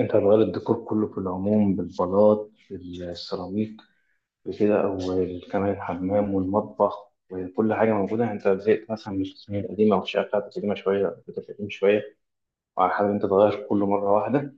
انت هتغير الديكور كله في العموم، بالبلاط بالسيراميك بكده، او كمان الحمام والمطبخ وكل حاجه موجوده. يعني انت زهقت مثلا من التصميم القديمه، او الشقه بتاعتك قديمه شويه، بتاعتك قديم شويه، وعلى حال انت تغير كله مره واحده.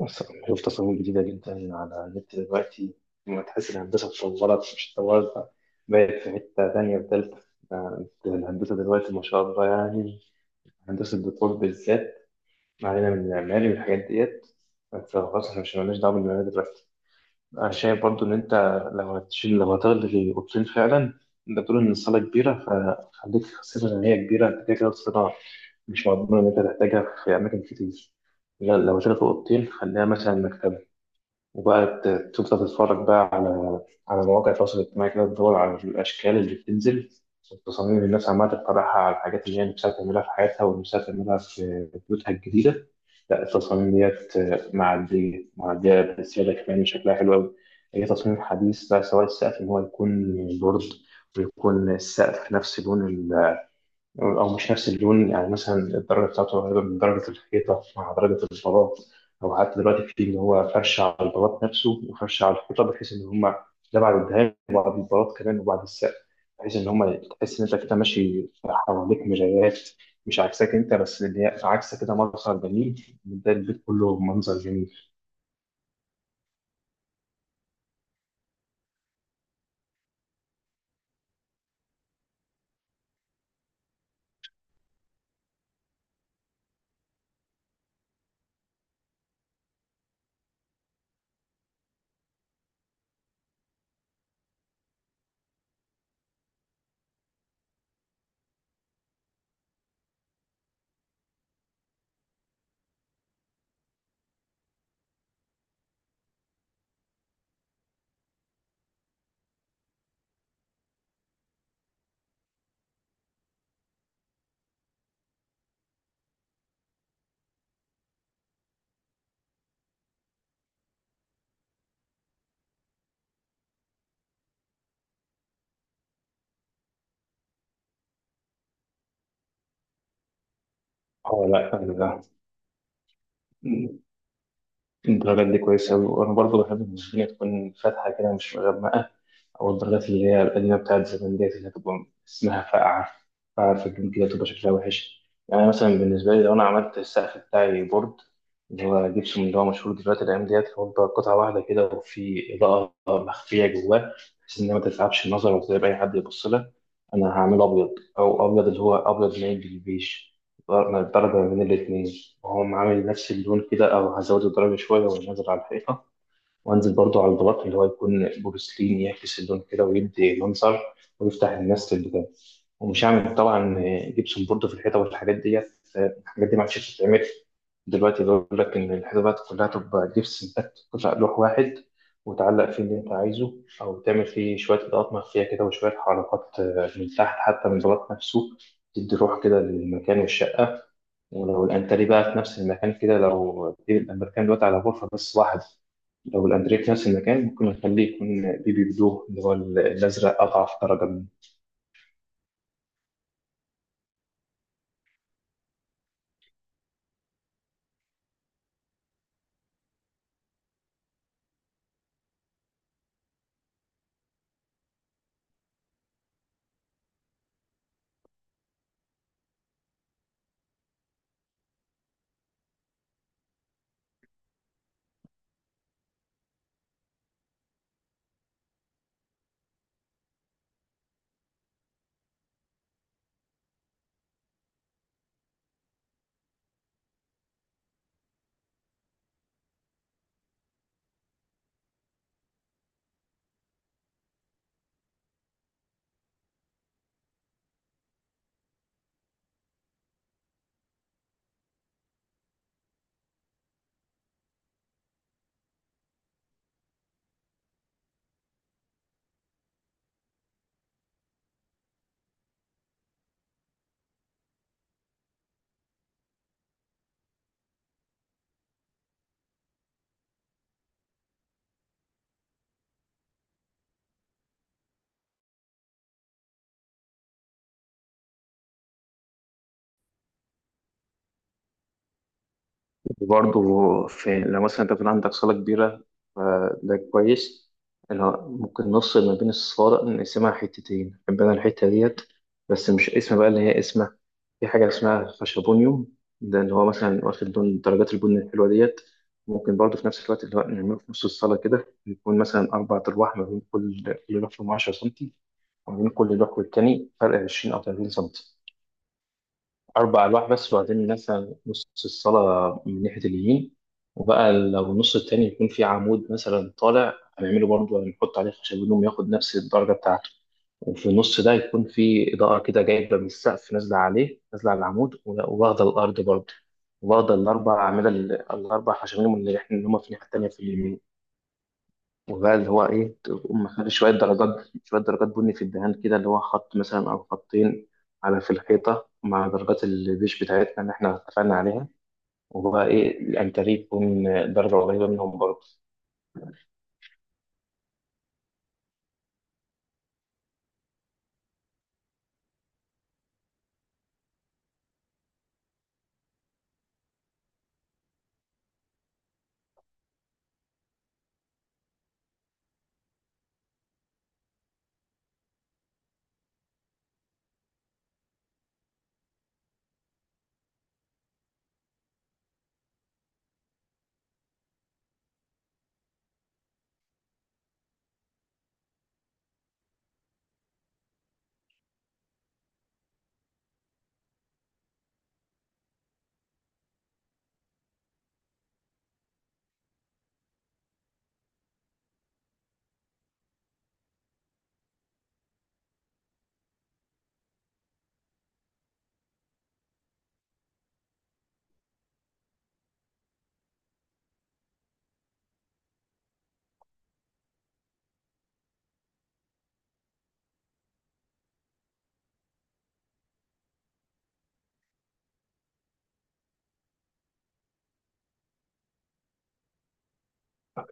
بس شوف تصاميم جديده جدا على النت دلوقتي. لما تحس الهندسه اتطورت مش اتطورت، بقت في حته تانيه وتالته. ده الهندسه دلوقتي ما شاء الله، يعني هندسه الديكور بالذات. ما علينا من المعماري والحاجات ديت، بس خلاص احنا مش مالناش دعوه بالمعماري دلوقتي. انا شايف برضو ان انت لو هتشيل، لو هتلغي اوضتين فعلا، انت بتقول ان الصاله كبيره، فخليك خاصه ان هي كبيره، انت كده كده الصاله مش مضمون ان انت تحتاجها في اماكن كتير. لا لو شلت اوضتين خليها مثلا مكتبه، وبقى تفضل تتفرج بقى على مواقع التواصل الاجتماعي كده، تدور على الأشكال اللي بتنزل والتصاميم اللي الناس عمالة تقترحها، على الحاجات اللي هي نفسها تعملها في حياتها ونفسها تعملها في بيوتها الجديدة. لا التصاميم ديت معدية معدية بزيادة، كمان شكلها حلو أوي. أي تصميم حديث بقى، سواء السقف إن هو يكون بورد، ويكون السقف نفس لون، أو مش نفس اللون. يعني مثلا الدرجة بتاعته قريبة من درجة الحيطة مع درجة البلاط، أو حتى دلوقتي في اللي هو فرش على البلاط نفسه، وفرش على الحيطة، بحيث إن هما، ده بعد الدهان وبعد البلاط كمان وبعد السقف، بحيث إن هما تحس إن أنت كده ماشي حواليك مرايات. مش عكسك أنت بس اللي هي عكسك، كده منظر جميل، ده البيت كله منظر جميل. أه لا أنا ده الدرجات دي كويسة أوي. وأنا برضه بحب إن الدنيا تكون فاتحة كده مش مغمقة. او الدرجات اللي هي القديمه بتاعت زمان ديت اللي هتبقى اسمها فاقعه، فاقعه في الجنب كده تبقى شكلها وحش. يعني مثلا بالنسبه لي، لو انا عملت السقف بتاعي بورد، اللي هو جبسون اللي هو مشهور دلوقتي الايام ديت، اللي هو قطعه واحده كده وفي اضاءه مخفيه جواه، بحيث انها ما تتعبش النظر وتتعب اي حد يبص لها، انا هعمله ابيض. او ابيض اللي هو ابيض مايل بالبيج، درجه من الاثنين، وهو عامل نفس اللون كده، او هزود الدرجه شويه وانزل على الحيطه، وانزل برضو على الغلاف اللي هو يكون بورسلين يعكس اللون كده ويدي منظر، ويفتح الناس للبتاع. ومش هعمل طبعا جبسون برضو في الحيطه والحاجات ديت، الحاجات دي ما عادش بتتعمل. دلوقتي بيقول لك ان الحيطه بقت كلها تبقى جبس، انت تطلع لوح واحد وتعلق فيه اللي انت عايزه، او تعمل فيه شويه اضاءات مخفيه كده وشويه حركات من تحت حتى من الغلاف نفسه، تدي روح كده للمكان والشقه. ولو الانتريه بقى في نفس المكان كده، لو المكان دلوقتي على غرفة بس واحدة، لو الانتريه في نفس المكان ممكن نخليه يكون بيبي بلو، اللي هو الازرق اضعف درجة منه. وبرضه في لو مثلا انت بيكون عندك صالة كبيرة فده كويس، اللي هو ممكن نفصل ما بين الصالة، نقسمها حتتين، نحب انا الحتة ديت بس مش اسم بقى اللي هي اسمها. في حاجة اسمها خشبونيوم، ده اللي هو مثلا واخد لون درجات البن الحلوة ديت. ممكن برضه في نفس الوقت اللي هو نعمله في نص الصالة كده، يكون مثلا أربع أرواح ما بين كل لوح فيهم 10 سنتي، وما بين كل لوح والتاني فرق 20 أو 30 سنتي، أربع ألواح بس. وبعدين مثلا نص الصلاة من ناحية اليمين، وبقى لو النص التاني يكون فيه عمود مثلا طالع، هنعمله برضه هنحط عليه خشب هدوم ياخد نفس الدرجة بتاعته. وفي النص ده يكون فيه إضاءة كده جايبة من السقف، نازلة عليه، نازلة على العمود وواخدة الأرض برضه، واخدة الأربع أعمدة، الأربع خشب هدوم اللي إحنا اللي هما في الناحية التانية في اليمين. وبقى اللي هو ايه، تقوم مخلي شويه درجات، شويه درجات بني في الدهان كده، اللي هو خط مثلا او خطين على في الحيطه، مع درجات البيش بتاعتنا اللي احنا اتفقنا عليها. وبقى ايه الانتريه يكون درجه قريبه منهم برضه.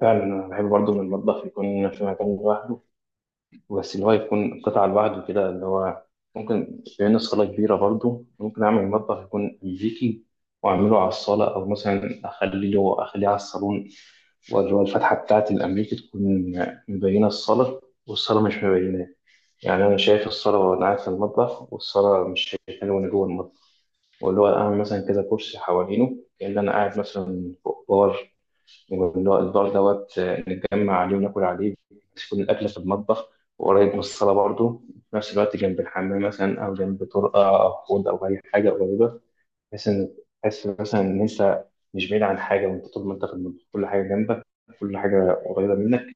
فعلا انا بحب برضه ان المطبخ يكون في مكان لوحده، بس اللي هو يكون قطعه لوحده كده، اللي هو ممكن لأن الصاله كبيره، برضه ممكن اعمل مطبخ يكون امريكي، واعمله على الصاله، او مثلا اخليه له، اخليه على الصالون. واللي هو الفتحة بتاعت الأمريكي تكون مبينة الصالة، والصالة مش مبينة. يعني أنا شايف الصالة وأنا قاعد في المطبخ، والصالة مش شايفاني وأنا جوه المطبخ. واللي هو أعمل مثلا كده كرسي حوالينه، كأن أنا قاعد مثلا فوق بار، واللي هو البار دوت نتجمع عليه وناكل عليه، بس يكون الأكل في المطبخ وقريب من الصالة برضه. في نفس الوقت جنب الحمام مثلا، أو جنب طرقة أو حوض أو أي حاجة قريبة، بحيث ان تحس مثلا ان انت مش بعيد عن حاجه، وانت طول ما انت في المطبخ كل حاجه جنبك، كل حاجه قريبه منك.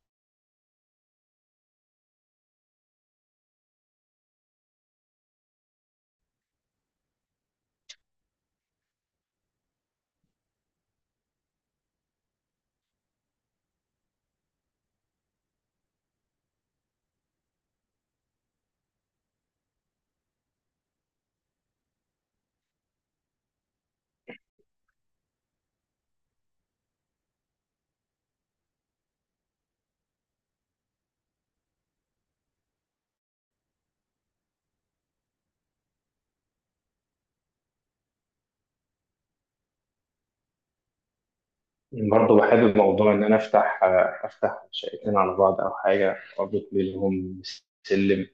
برضه بحب موضوع ان انا افتح شقتين على بعض او حاجه واربط بينهم سلم.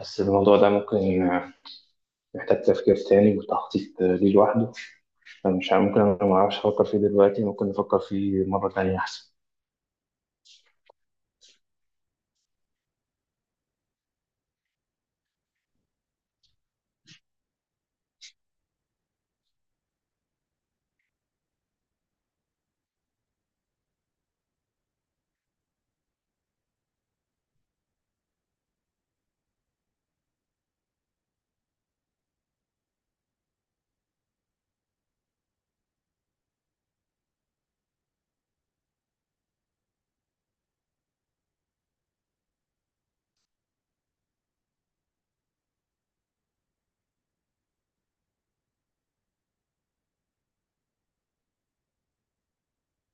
بس الموضوع ده ممكن محتاج تفكير تاني وتخطيط ليه لوحده. ممكن انا ما اعرفش افكر فيه دلوقتي، ممكن نفكر فيه مره تانيه احسن.